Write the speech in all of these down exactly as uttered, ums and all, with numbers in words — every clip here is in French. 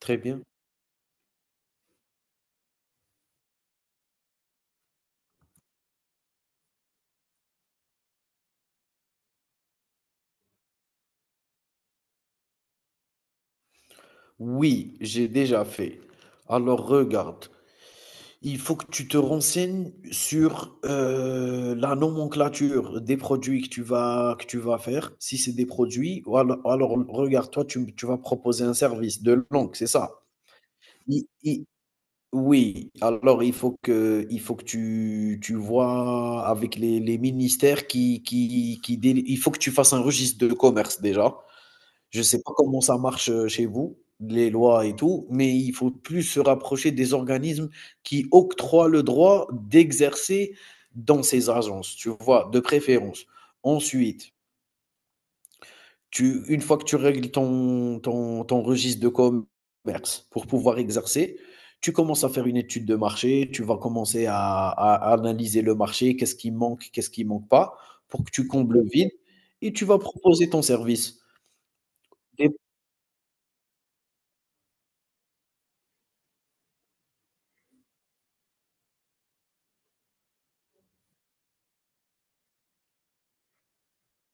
Très bien. Oui, j'ai déjà fait. Alors regarde, il faut que tu te renseignes sur euh, la nomenclature des produits que tu vas, que tu vas faire, si c'est des produits, ou alors, alors, regarde, toi, tu, tu vas proposer un service de langue, c'est ça? I- i- oui, alors il faut que, il faut que tu, tu vois avec les, les ministères qui, qui, qui, déli- il faut que tu fasses un registre de commerce déjà. Je sais pas comment ça marche, heu, chez vous, les lois et tout, mais il faut plus se rapprocher des organismes qui octroient le droit d'exercer dans ces agences, tu vois? De préférence. Ensuite, tu une fois que tu règles ton ton ton registre de commerce pour pouvoir exercer, tu commences à faire une étude de marché, tu vas commencer à à analyser le marché, qu'est-ce qui manque, qu'est-ce qui manque pas, pour que tu combles le vide et tu vas proposer ton service.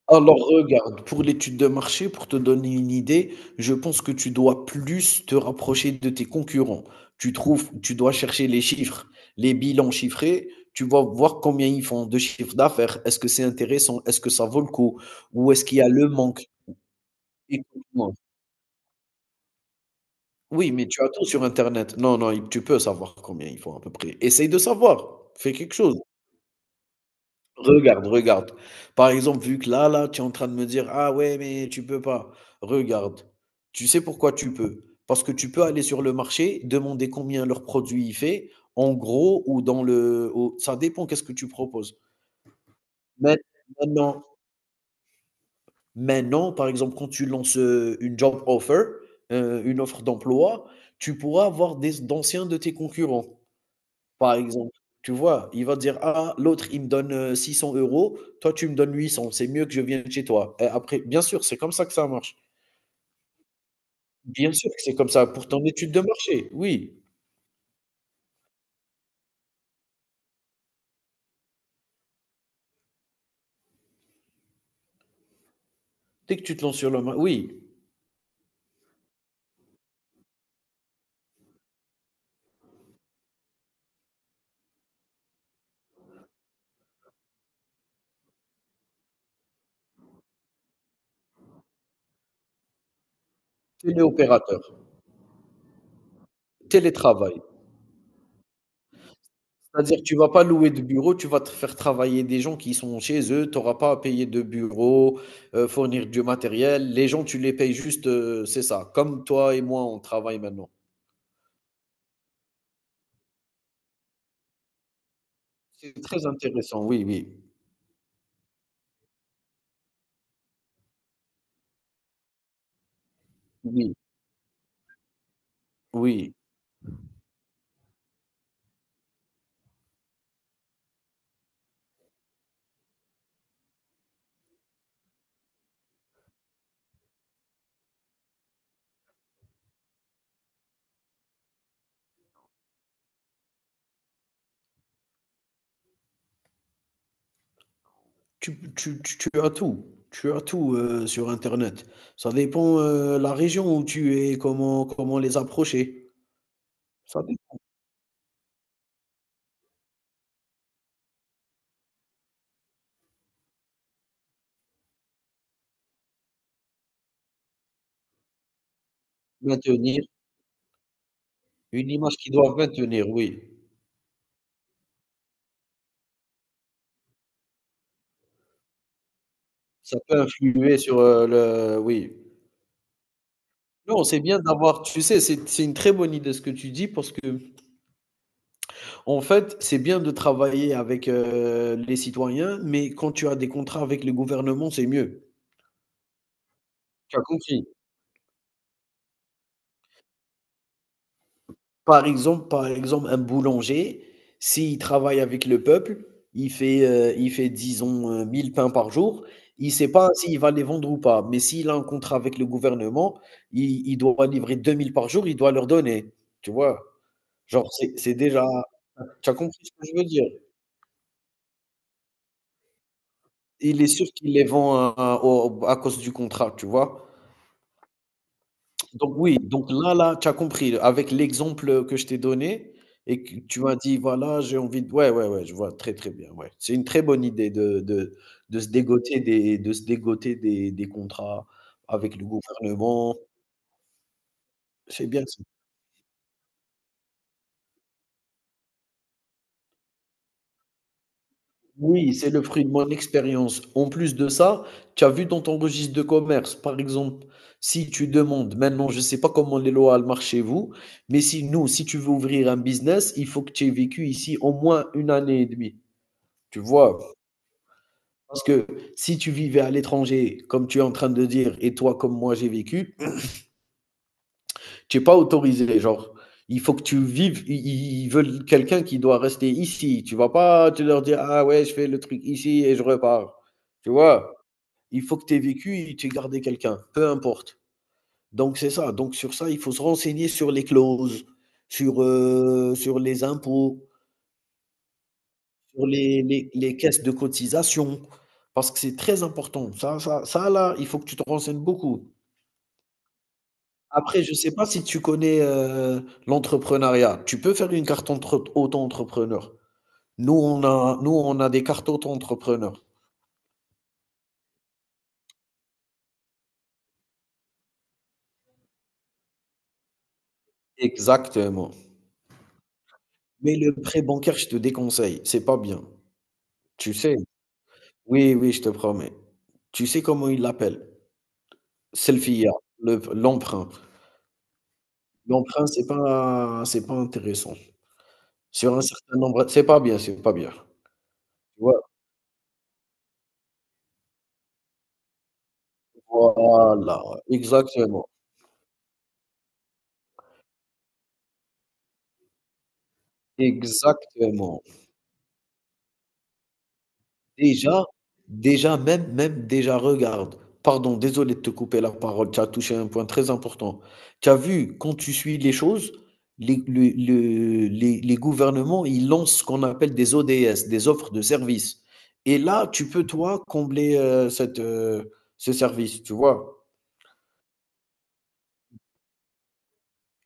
Alors regarde, pour l'étude de marché, pour te donner une idée, je pense que tu dois plus te rapprocher de tes concurrents. Tu trouves, tu dois chercher les chiffres, les bilans chiffrés. Tu vas voir combien ils font de chiffre d'affaires. Est-ce que c'est intéressant? Est-ce que ça vaut le coup? Ou est-ce qu'il y a le manque? Écoute-moi. Oui, mais tu as tout sur Internet. Non, non, tu peux savoir combien ils font à peu près. Essaye de savoir. Fais quelque chose. Regarde, regarde. Par exemple, vu que là, là, tu es en train de me dire: «Ah ouais, mais tu peux pas». Regarde, tu sais pourquoi tu peux? Parce que tu peux aller sur le marché, demander combien leur produit il fait, en gros ou dans le au ça dépend qu'est-ce que tu proposes. Maint maintenant maintenant, par exemple, quand tu lances, heu, une job offer, heu, une offre d'emploi, tu pourras avoir des d'anciens de tes concurrents. Par exemple, tu vois? Il va te dire: «Ah, l'autre, il me donne, euh, six cents euros, toi, tu me donnes huit cents, c'est mieux que je vienne chez toi» et après bien sûr, c'est comme ça que ça marche. Bien sûr que c'est comme ça, pour ton étude de marché, oui. Dès que tu te lances sur le ma Oui. Téléopérateur, télétravail. C'est-à-dire, que tu vas pas louer de bureau, tu vas te faire travailler des gens qui sont chez eux, tu auras pas à payer de bureau, heu, fournir du matériel. Les gens, tu les payes juste, heu, c'est ça, comme toi et moi, on travaille maintenant. C'est très intéressant, oui, oui. Oui, oui. Tu tu tu tu as tout, tu as tout, heu, sur internet. Ça dépend, heu, la région où tu es, comment comment les approcher. Ça dé Maintenir une image qu'ils doivent maintenir, oui. Ça peut influer sur, heu, le oui. Non, c'est bien d'avoir tu sais, c'est c'est une très bonne idée ce que tu dis parce que en fait, c'est bien de travailler avec, heu, les citoyens, mais quand tu as des contrats avec le gouvernement, c'est mieux. Tu as compris? Par exemple par exemple, un boulanger, s'il travaille avec le peuple, il fait, heu, il fait disons, heu, mille pains par jour, il ne sait pas s'il va les vendre ou pas. Mais s'il a un contrat avec le gouvernement, il il doit livrer deux mille par jour, il doit leur donner, tu vois? Genre c'est c'est déjà. Tu as compris ce que je veux dire? Il est sûr qu'il les vend à à au à cause du contrat, tu vois? Donc oui, donc là là, tu as compris avec l'exemple, que je t'ai donné et que tu m'as dit: «Voilà, j'ai envie de» ouais, ouais, ouais, je vois très, très bien, ouais. C'est une très bonne idée de de de se dégoter des de se dégoter des des contrats avec le gouvernement. C'est bien ça. Oui, c'est le fruit de mon expérience. En plus de ça, tu as vu dans ton registre de commerce, par exemple, si tu demandes maintenant, je ne sais pas comment les lois elles marchent chez vous, mais si nous, si tu veux ouvrir un business, il faut que tu aies vécu ici au moins une année et demie. Tu vois? Parce que si tu vivais à l'étranger, comme tu es en train de dire et toi comme moi j'ai vécu, tu es pas autorisé. Genre, il faut que tu vives, i i ils veulent quelqu'un qui doit rester ici. Tu vas pas te leur dire: «Ah ouais, je fais le truc ici et je repars». Tu vois? Il faut que tu aies vécu et tu aies gardé quelqu'un, peu importe. Donc c'est ça, donc sur ça, il faut se renseigner sur les clauses, sur, heu, sur les impôts. Pour les les les caisses de cotisation, parce que c'est très important. Ça ça ça là, il faut que tu te renseignes beaucoup. Après, je ne sais pas si tu connais, heu, l'entrepreneuriat. Tu peux faire une carte entre auto-entrepreneur. Nous, on a nous, on a des cartes auto-entrepreneur. Exactement. Mais le prêt bancaire, je te déconseille, c'est pas bien. Tu sais? Oui, oui, je te promets. Tu sais comment ils l'appellent? Selfie, le l'emprunt. L'emprunt, c'est pas c'est pas intéressant. Sur un certain nombre c'est pas bien, c'est pas bien. Tu vois? Voilà, exactement, exactement. Déjà déjà même même déjà regarde, pardon, désolé de te couper la parole, tu as touché un point très important. Tu as vu quand tu suis les choses, les le le les les gouvernements, ils lancent ce qu'on appelle des O D S, des offres de services et là, tu peux toi combler, heu, cette, heu, ce service, tu vois?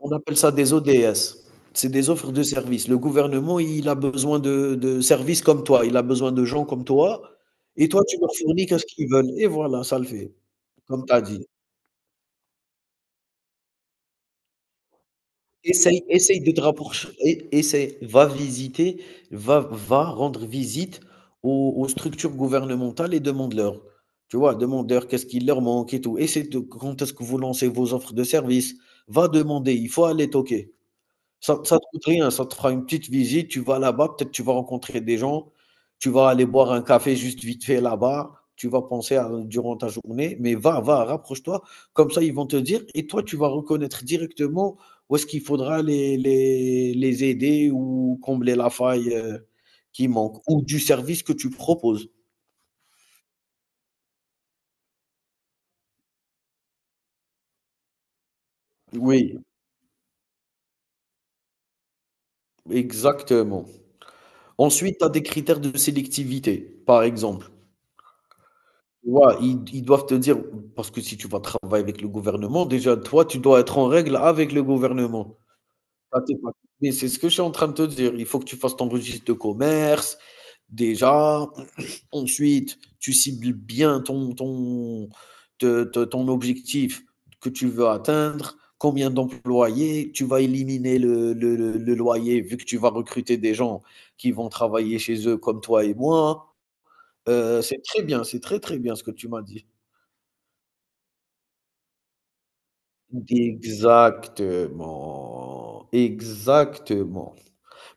On appelle ça des O D S. C'est des offres de services. Le gouvernement, il a besoin de, de services comme toi, il a besoin de gens comme toi et toi, tu leur fournis qu'est-ce qu'ils veulent et voilà, ça le fait, comme tu as dit. Essaye essaye de te rapprocher et essaye, va visiter, va va rendre visite aux aux structures gouvernementales et demande-leur. Tu vois? Demande-leur qu'est-ce qu'il leur manque et tout. Essaye de quand est-ce que vous lancez vos offres de services? Va demander, il faut aller toquer. Ça ça te coûte rien, ça te fera une petite visite, tu vas là-bas, peut-être tu vas rencontrer des gens, tu vas aller boire un café juste vite fait là-bas, tu vas penser à durant ta journée, mais va, va, rapproche-toi. Comme ça, ils vont te dire et toi, tu vas reconnaître directement où est-ce qu'il faudra les les les aider ou combler la faille, heu, qui manque ou du service que tu proposes. Oui, exactement. Ensuite, tu as des critères de sélectivité. Par exemple. Tu vois, ils ils doivent te dire parce que si tu vas travailler avec le gouvernement, déjà, toi, tu dois être en règle avec le gouvernement. Ça, c'est pas, mais c'est ce que je suis en train de te dire. Il faut que tu fasses ton registre de commerce, déjà. Ensuite, tu cibles bien ton ton te te ton objectif que tu veux atteindre, combien d'employés, tu vas éliminer le le le le loyer vu que tu vas recruter des gens qui vont travailler chez eux comme toi et moi. Heu, c'est très bien, c'est très, très bien ce que tu m'as dit. Exactement, exactement.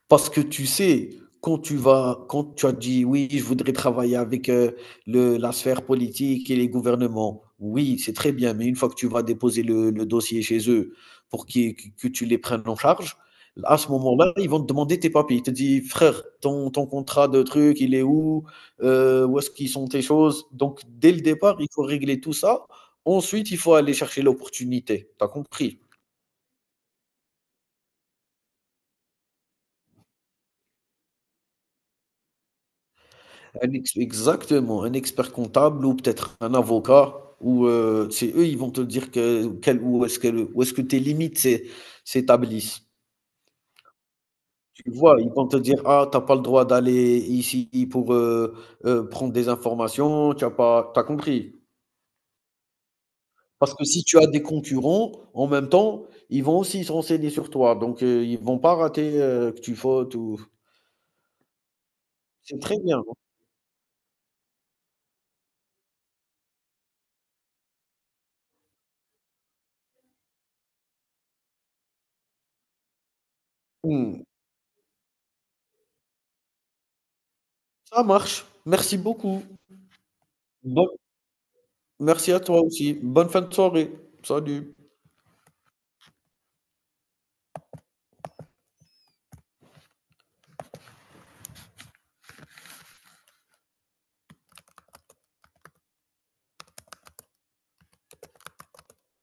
Parce que tu sais, quand tu vas quand tu as dit: «Oui, je voudrais travailler avec, heu, le la sphère politique et les gouvernements». Oui, c'est très bien, mais une fois que tu vas déposer le le dossier chez eux pour qu'ils que tu les prennes en charge, à ce moment-là, ils vont te demander tes papiers. Ils te disent: «Frère, ton ton contrat de truc, il est où? Heu, où est-ce qu'ils sont tes choses?» Donc dès le départ, il faut régler tout ça. Ensuite, il faut aller chercher l'opportunité. T'as compris? Un ex- exactement, un expert comptable ou peut-être un avocat, ou euh, c'est eux, ils vont te dire que, quel- où est-ce que, le- où est-ce que tes limites s'é- s'établissent. Tu vois, ils vont te dire, ah, t'as pas le droit d'aller ici pour euh, euh, prendre des informations, tu as pas, t'as compris. Parce que si tu as des concurrents, en même temps, ils vont aussi se renseigner sur toi. Donc, euh, ils vont pas rater euh, que tu fautes ou. C'est très bien. Hmm. Ça marche. Merci beaucoup. Bonne Merci à toi aussi. Bonne fin de soirée. Salut.